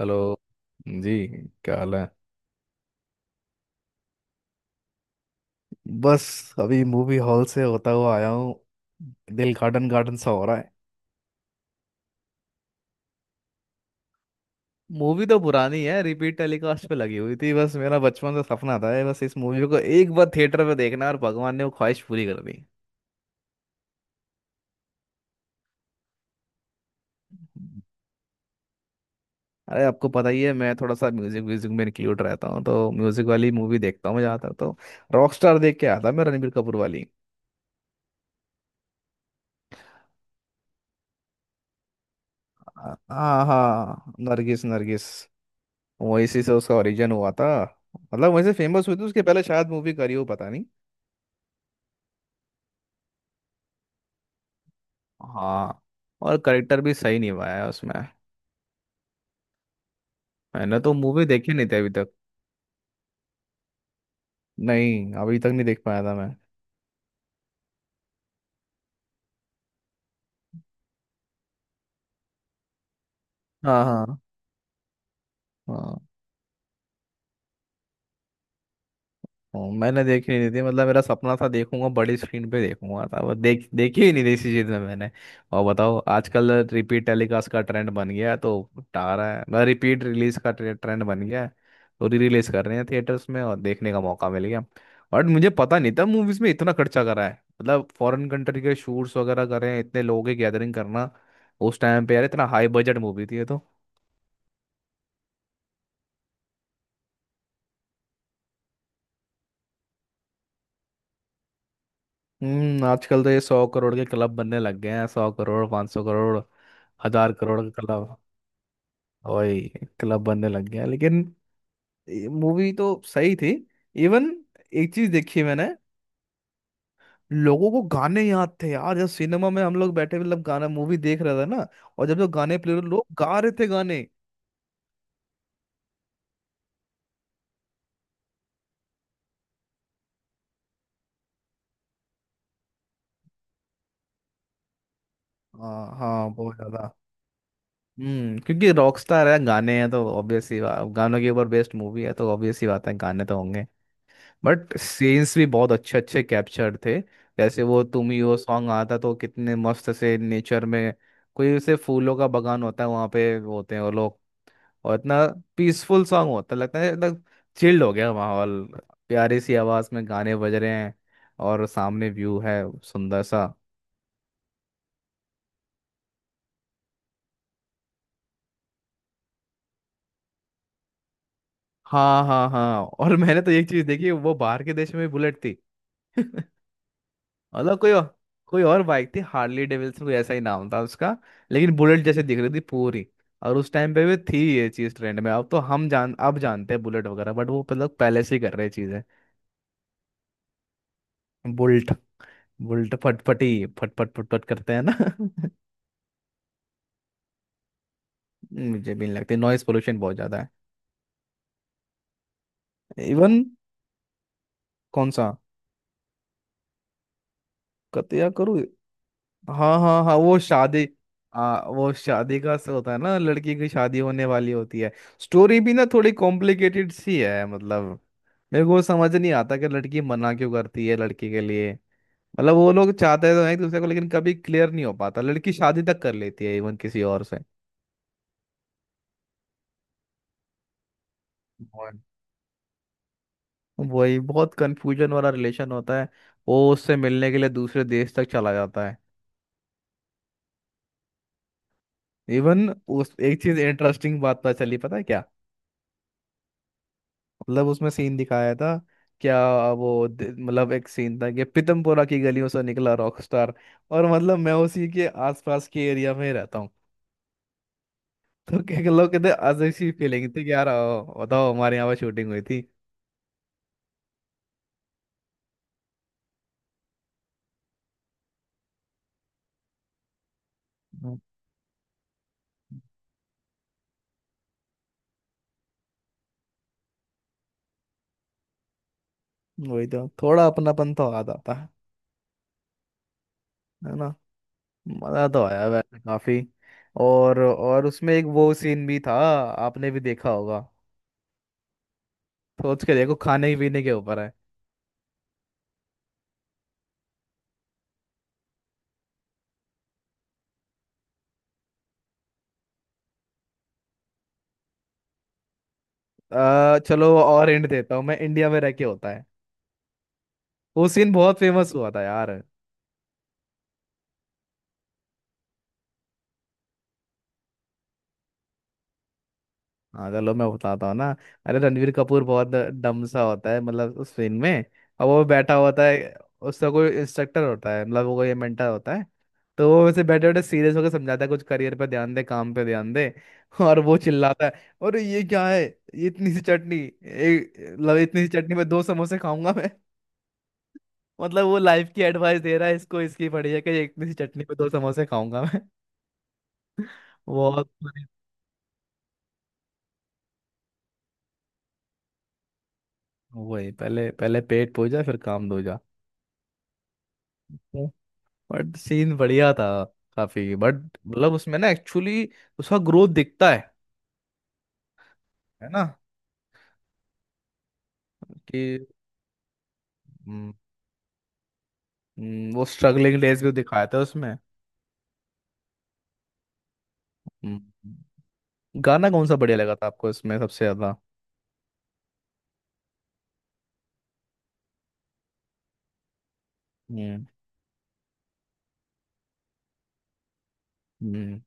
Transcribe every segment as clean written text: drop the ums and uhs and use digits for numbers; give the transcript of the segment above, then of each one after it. Hello जी। क्या हाल है? बस, अभी मूवी हॉल से होता हुआ आया हूँ। दिल गार्डन गार्डन सा हो रहा है। मूवी तो पुरानी है, रिपीट टेलीकास्ट पे लगी हुई थी। बस मेरा बचपन से सपना था ये, बस इस मूवी को एक बार थिएटर में देखना, और भगवान ने वो ख्वाहिश पूरी कर दी। अरे आपको पता ही है, मैं थोड़ा सा म्यूजिक म्यूजिक में इंक्लूड रहता हूँ, तो म्यूजिक वाली मूवी देखता हूँ मैं ज़्यादातर तो। रॉकस्टार देख के आया था मैं, रणबीर कपूर वाली। हाँ हाँ, नरगिस नरगिस। वो इसी से उसका ओरिजिन हुआ था, मतलब वहीं से फेमस हुई थी। उसके पहले शायद मूवी करी हो, पता नहीं। हाँ। और करेक्टर भी सही निभाया है उसमें। मैंने तो मूवी देखी नहीं थी अभी तक। नहीं, अभी तक नहीं देख पाया था मैं। हाँ हाँ हाँ। मैंने देखी नहीं थी, मतलब मेरा सपना था देखूंगा, बड़ी स्क्रीन पे देखूंगा था वो, देखी ही नहीं थी इसी चीज में मैंने। और बताओ, आजकल रिपीट टेलीकास्ट का ट्रेंड बन गया है तो। आ रहा है, रिपीट रिलीज का ट्रेंड बन गया है। तो री रिलीज कर रहे हैं थिएटर्स में, और देखने का मौका मिल गया। और मुझे पता नहीं था मूवीज में इतना खर्चा करा है, मतलब फॉरेन कंट्री के शूट्स वगैरह कर रहे हैं, इतने लोगों की गैदरिंग करना। उस टाइम पे यार इतना हाई बजट मूवी थी ये तो। हम्म, आजकल तो ये 100 करोड़ के क्लब बनने लग गए हैं, 100 करोड़, 500 करोड़, 1000 करोड़ के क्लब। वही, क्लब बनने लग गया, लेकिन मूवी तो सही थी। इवन, एक चीज देखी मैंने, लोगों को गाने याद थे यार। जब सिनेमा में हम लोग बैठे, मतलब गाना मूवी देख रहा था ना, और जब जो गाने प्ले हो रहे, लोग गा रहे थे गाने। हाँ हाँ, बहुत ज्यादा। हम्म, क्योंकि रॉकस्टार है, गाने हैं तो ऑब्वियस ही गानों के ऊपर बेस्ट मूवी है, तो ऑब्वियस ही बात है, गाने तो होंगे। बट सीन्स भी बहुत अच्छे अच्छे कैप्चर थे, जैसे वो तुम ही हो सॉन्ग आता तो कितने मस्त से नेचर में, कोई उसे फूलों का बगान होता है, वहाँ पे होते हैं वो लोग, और इतना पीसफुल सॉन्ग होता है, लगता है एकदम चिल्ड हो गया माहौल। प्यारी सी आवाज़ में गाने बज रहे हैं, और सामने व्यू है सुंदर सा। हाँ हाँ हाँ। और मैंने तो एक चीज़ देखी, वो बाहर के देश में भी बुलेट थी। मतलब कोई और बाइक थी, हार्ली डेविल्सन कोई ऐसा ही नाम था उसका, लेकिन बुलेट जैसे दिख रही थी पूरी। और उस टाइम पे भी थी ये चीज ट्रेंड में। अब तो हम जान अब जानते हैं बुलेट वगैरह, बट वो मतलब पहले से ही कर रहे चीजें। बुल्ट, बुल्ट फटफटी, फटफट फटफट करते हैं ना। मुझे भी नहीं लगती, नॉइस पोल्यूशन बहुत ज्यादा है इवन। कौन सा? कतिया करूँ। हाँ हाँ हाँ, वो शादी। वो शादी का होता है ना, लड़की की शादी होने वाली होती है। स्टोरी भी ना थोड़ी कॉम्प्लिकेटेड सी है। मतलब मेरे को समझ नहीं आता कि लड़की मना क्यों करती है, लड़की के लिए। मतलब वो लोग चाहते तो हैं एक दूसरे को, लेकिन कभी क्लियर नहीं हो पाता, लड़की शादी तक कर लेती है इवन किसी और से। और- वही, बहुत कंफ्यूजन वाला रिलेशन होता है। वो उससे मिलने के लिए दूसरे देश तक चला जाता है इवन। उस एक चीज इंटरेस्टिंग बात पता चली, पता है क्या? मतलब उसमें सीन दिखाया था। क्या? वो मतलब एक सीन था कि पीतमपुरा की गलियों से निकला रॉकस्टार, और मतलब मैं उसी के आसपास के एरिया में ही रहता हूँ। तो क्या क्या लोग कहते, अजीब सी फीलिंग थी कि यार आओ, बताओ हमारे यहाँ पर शूटिंग हुई थी। हाँ, वही तो, थोड़ा अपनापन तो आ जाता है। है ना। मजा तो आया वैसे काफी। और उसमें एक वो सीन भी था, आपने भी देखा होगा। सोच के देखो, खाने पीने के ऊपर है। चलो और एंड देता हूँ, मैं इंडिया में रह के होता है। वो सीन बहुत फेमस हुआ था यार। हाँ चलो मैं बताता हूँ ना। अरे रणवीर कपूर बहुत डम सा होता है, मतलब उस फिल्म में। अब वो बैठा होता है, उसका कोई इंस्ट्रक्टर होता है, मतलब वो कोई मेंटर होता है। तो वो वैसे बैठे बैठे सीरियस होकर समझाता है कुछ, करियर पे ध्यान दे, काम पे ध्यान दे, और वो चिल्लाता है, अरे ये क्या है, ये इतनी सी चटनी, एक मतलब इतनी सी चटनी में दो समोसे खाऊंगा मैं। मतलब वो लाइफ की एडवाइस दे रहा है, इसको इसकी पड़ी है कि ये इतनी सी चटनी में दो समोसे खाऊंगा मैं। बहुत। वही, पहले पहले पेट पूजा फिर काम दूजा। बट सीन बढ़िया था काफी। बट मतलब उसमें ना एक्चुअली उसका ग्रोथ दिखता है ना, कि। हम्म, वो स्ट्रगलिंग डेज भी दिखाया था उसमें। हम्म, गाना कौन सा बढ़िया लगा था आपको इसमें सबसे ज्यादा? हम्म हम्म।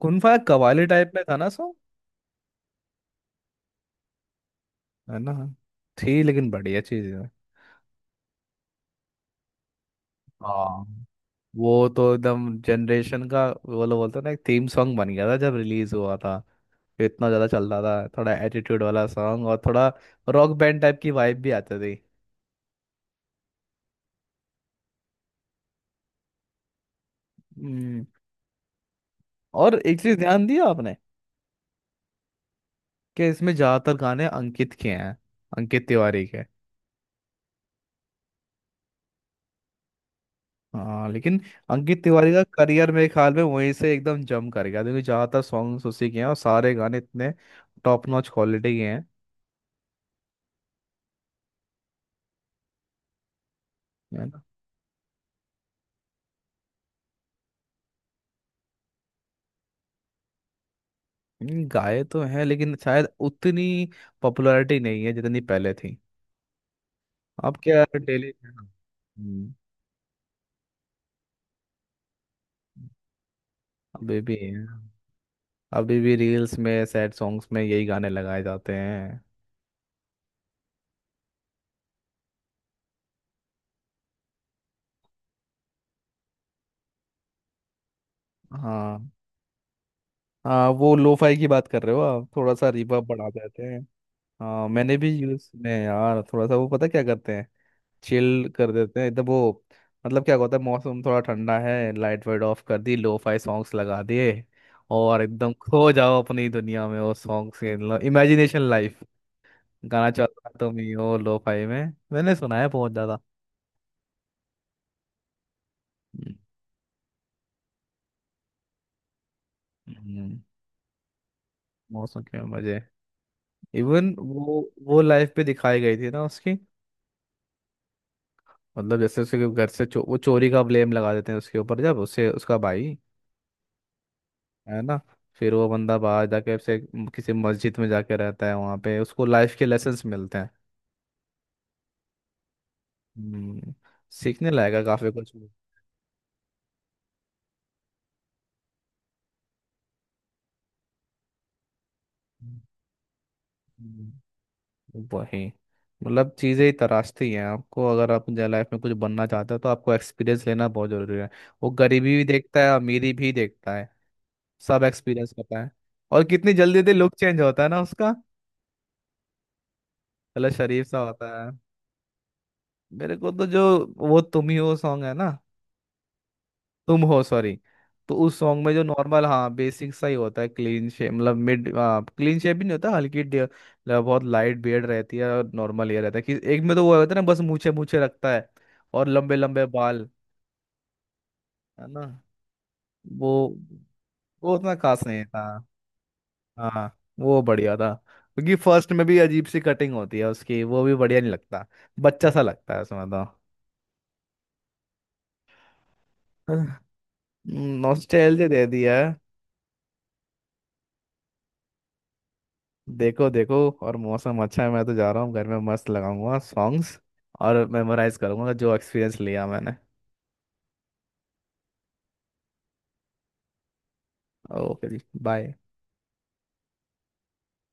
कुनफा कवाली टाइप में था ना सो। है ना, थी लेकिन बढ़िया चीज है। हाँ, वो तो एकदम जनरेशन का, वो लोग बोलते हैं ना, एक थीम सॉन्ग बन गया था जब रिलीज हुआ था। इतना ज्यादा चल रहा था, थोड़ा एटीट्यूड वाला सॉन्ग और थोड़ा रॉक बैंड टाइप की वाइब भी आती थी। हम्म। और एक चीज ध्यान दिया आपने, कि इसमें ज्यादातर गाने अंकित के हैं, अंकित तिवारी के। हाँ लेकिन, अंकित तिवारी का करियर मेरे ख्याल में वहीं से एकदम जम कर गया, क्योंकि ज्यादातर सॉन्ग्स उसी के हैं और सारे गाने इतने टॉप नॉच क्वालिटी के हैं। है ना। गाए तो हैं लेकिन शायद उतनी पॉपुलैरिटी नहीं है जितनी पहले थी। अब क्या डेली। अभी भी है, अभी भी रील्स में सैड सॉन्ग्स में यही गाने लगाए जाते हैं। हाँ। हाँ, वो लोफाई की बात कर रहे हो आप, थोड़ा सा रिवर्ब बढ़ा देते हैं। हाँ मैंने भी यूज सुने हैं यार, थोड़ा सा वो पता क्या करते हैं, चिल कर देते हैं एकदम वो। मतलब क्या होता है, मौसम थोड़ा ठंडा है, लाइट वाइट ऑफ कर दी, लोफाई सॉन्ग्स लगा दिए, और एकदम खो जाओ अपनी दुनिया में वो सॉन्ग्स के। इमेजिनेशन लाइफ, गाना चल रहा है तुम ही हो लोफाई में, मैंने सुना है बहुत ज्यादा। हम्म, हम्म, मौसम के मजे। इवन वो लाइफ पे दिखाई गई थी ना उसकी, मतलब जैसे उसके घर से वो चोरी का ब्लेम लगा देते हैं उसके ऊपर, जब उससे उसका भाई, है ना, फिर वो बंदा बाहर जाके उसे किसी मस्जिद में जाके रहता है, वहाँ पे उसको लाइफ के लेसन्स मिलते हैं। हम्म, सीखने लायक है काफी कुछ। हम्म, वही, मतलब चीज़ें ही तराशती हैं आपको, अगर आप लाइफ में कुछ बनना चाहते हो तो आपको एक्सपीरियंस लेना बहुत ज़रूरी है। वो गरीबी भी देखता है, अमीरी भी देखता है, सब एक्सपीरियंस होता है। और कितनी जल्दी जल्दी लुक चेंज होता है ना उसका। चलो, शरीफ सा होता है। मेरे को तो जो वो तुम ही हो सॉन्ग है ना, तुम हो सॉरी। तो उस सॉन्ग में जो नॉर्मल, हाँ, बेसिक सा ही होता है, क्लीन शेप, मतलब मिड क्लीन शेप भी नहीं होता, हल्की मतलब बहुत लाइट बियर्ड रहती है, और नॉर्मल ये रहता है कि एक में तो वो होता है ना, बस मूछे मूछे रखता है और लंबे लंबे बाल। है ना। वो वो उतना खास नहीं था। हाँ वो बढ़िया था, क्योंकि फर्स्ट में भी अजीब सी कटिंग होती है उसकी, वो भी बढ़िया नहीं लगता, बच्चा सा लगता है उसमें तो। नॉस्टैल्जिया दे दिया है। देखो देखो, और मौसम अच्छा है, मैं तो जा रहा हूँ घर में, मस्त लगाऊंगा सॉन्ग्स और मेमोराइज करूंगा जो एक्सपीरियंस लिया मैंने। ओके जी, बाय।